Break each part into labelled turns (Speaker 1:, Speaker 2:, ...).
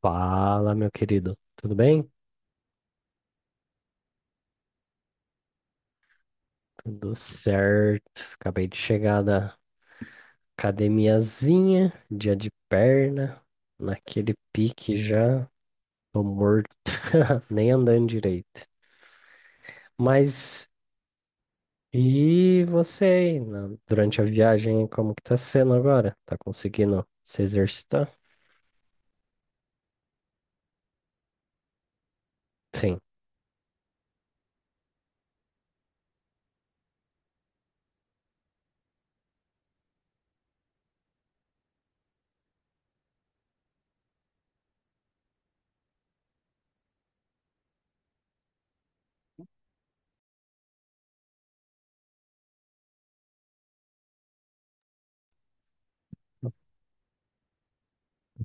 Speaker 1: Fala, meu querido. Tudo bem? Tudo certo. Acabei de chegar da academiazinha, dia de perna, naquele pique já. Tô morto, nem andando direito. Mas e você aí, durante a viagem, como que tá sendo agora? Tá conseguindo se exercitar? Sim.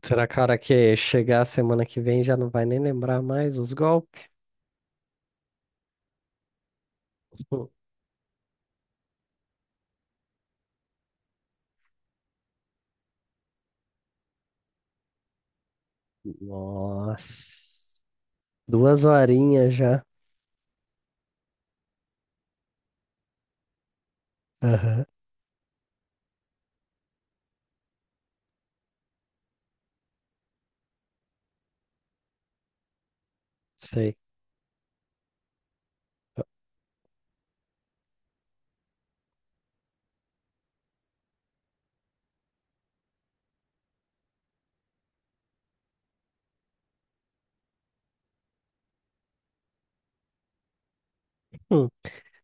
Speaker 1: Será, cara, que chegar semana que vem já não vai nem lembrar mais os golpes? Nossa, 2 horinhas já. Aham, sei. Hum,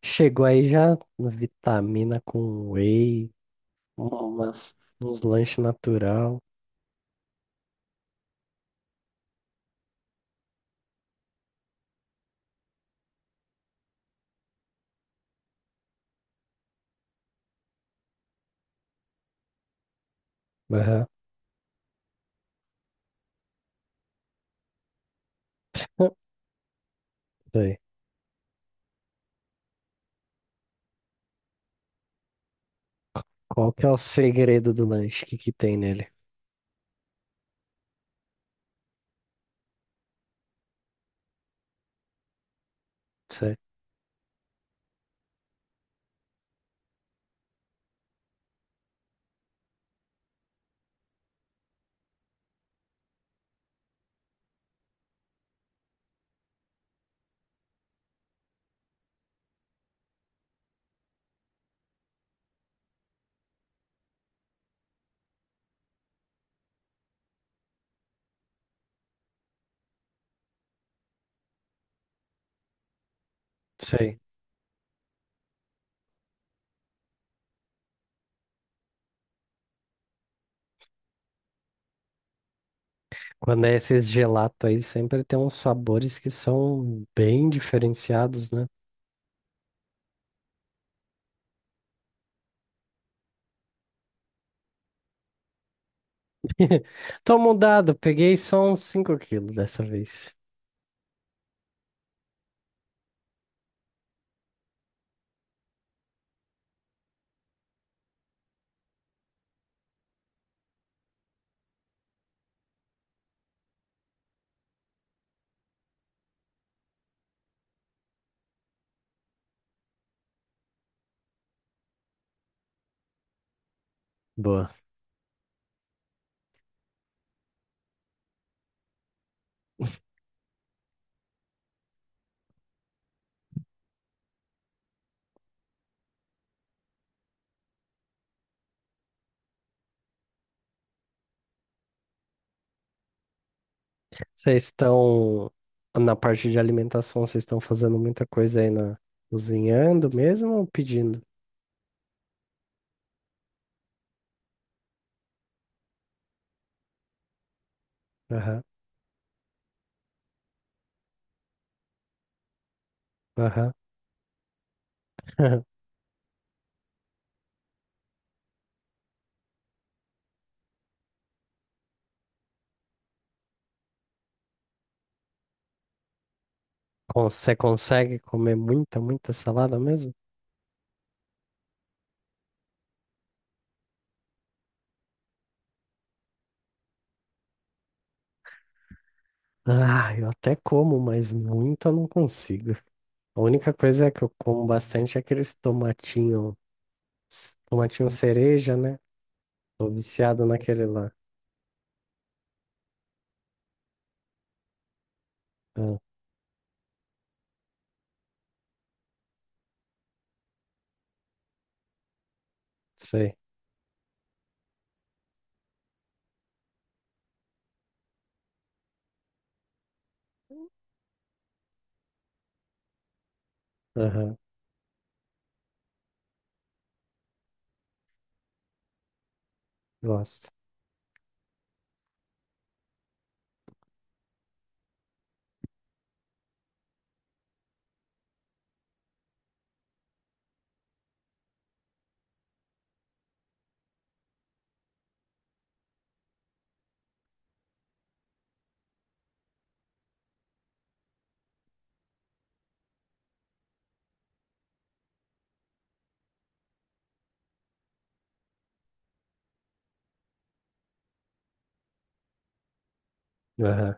Speaker 1: chegou aí já vitamina com whey, umas, uns lanches natural. Aham, hum, sei. Qual que é o segredo do lanche? O que que tem nele? Sei, sei. Quando é esses gelato aí, sempre tem uns sabores que são bem diferenciados, né? Tô mudado, peguei só uns 5 quilos dessa vez. Boa. Vocês estão na parte de alimentação, vocês estão fazendo muita coisa aí na cozinhando mesmo ou pedindo? Aham, aham. Você consegue comer muita, muita salada mesmo? Ah, eu até como, mas muita eu não consigo. A única coisa que eu como bastante é aqueles tomatinho, tomatinho cereja, né? Tô viciado naquele lá. Ah, sei. Aham, gosto. Aham,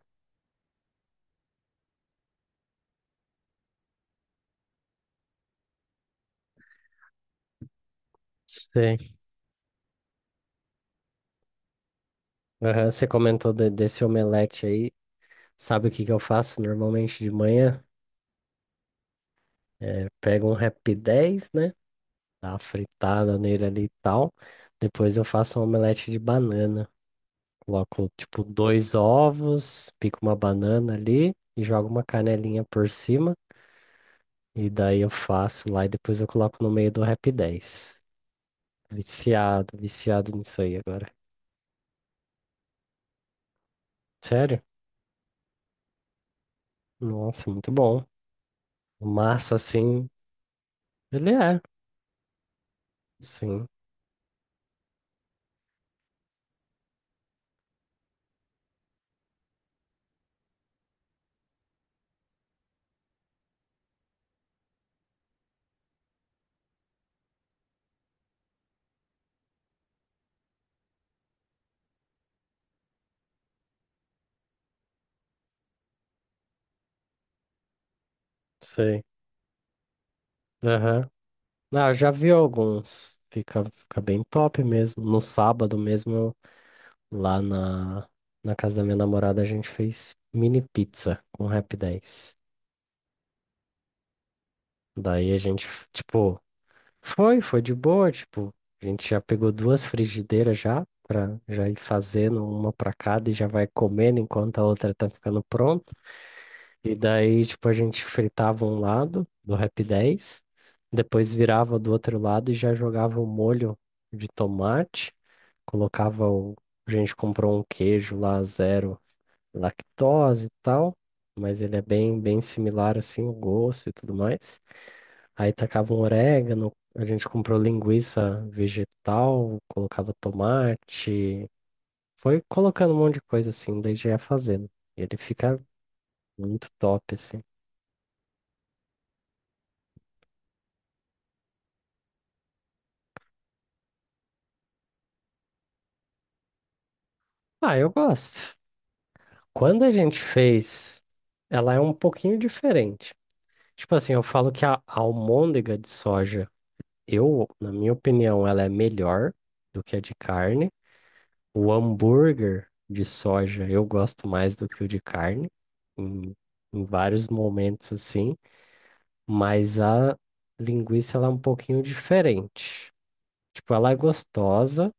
Speaker 1: sei. Aham, você comentou desse omelete aí. Sabe o que que eu faço normalmente de manhã? Pego um Rapidez, né? Dá uma fritada nele ali e tal. Depois eu faço um omelete de banana. Coloco, tipo, 2 ovos, pico uma banana ali e jogo uma canelinha por cima. E daí eu faço lá e depois eu coloco no meio do Rapidez. Viciado, viciado nisso aí agora. Sério? Nossa, muito bom. Massa, assim, ele é. Sim, sei. Aham. Ah, eu já vi alguns. Fica, fica bem top mesmo. No sábado mesmo, lá na casa da minha namorada, a gente fez mini pizza com Rap 10. Daí a gente, tipo, foi de boa, tipo, a gente já pegou 2 frigideiras já, pra já ir fazendo uma pra cada e já vai comendo enquanto a outra tá ficando pronta. E daí, tipo, a gente fritava um lado do Rap 10, depois virava do outro lado e já jogava o molho de tomate. Colocava o. A gente comprou um queijo lá, zero lactose e tal, mas ele é bem, bem similar assim, o gosto e tudo mais. Aí tacava um orégano, a gente comprou linguiça vegetal, colocava tomate, foi colocando um monte de coisa assim, daí já ia fazendo. Ele fica muito top assim. Ah, eu gosto. Quando a gente fez, ela é um pouquinho diferente. Tipo assim, eu falo que a almôndega de soja. Eu, na minha opinião, ela é melhor do que a de carne. O hambúrguer de soja eu gosto mais do que o de carne, em, em vários momentos assim, mas a linguiça ela é um pouquinho diferente. Tipo, ela é gostosa,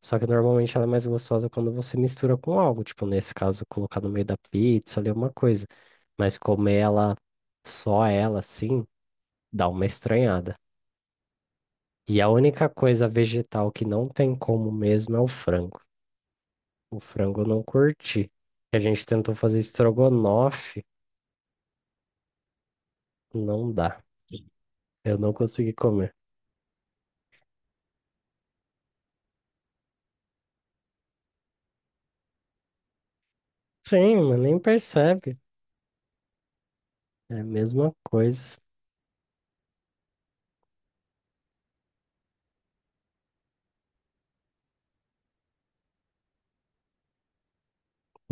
Speaker 1: só que normalmente ela é mais gostosa quando você mistura com algo, tipo, nesse caso, colocar no meio da pizza ali uma coisa, mas comer ela, só ela assim, dá uma estranhada. E a única coisa vegetal que não tem como mesmo é o frango. O frango eu não curti. A gente tentou fazer estrogonofe, não dá. Eu não consegui comer. Sim, mas nem percebe. É a mesma coisa.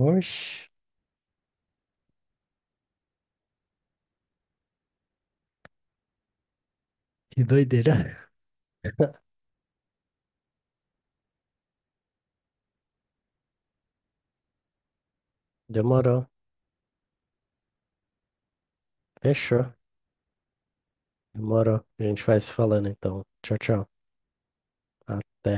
Speaker 1: Oxe, que doideira. Demorou. Fechou. Demorou. A gente vai se falando então. Tchau, tchau. Até.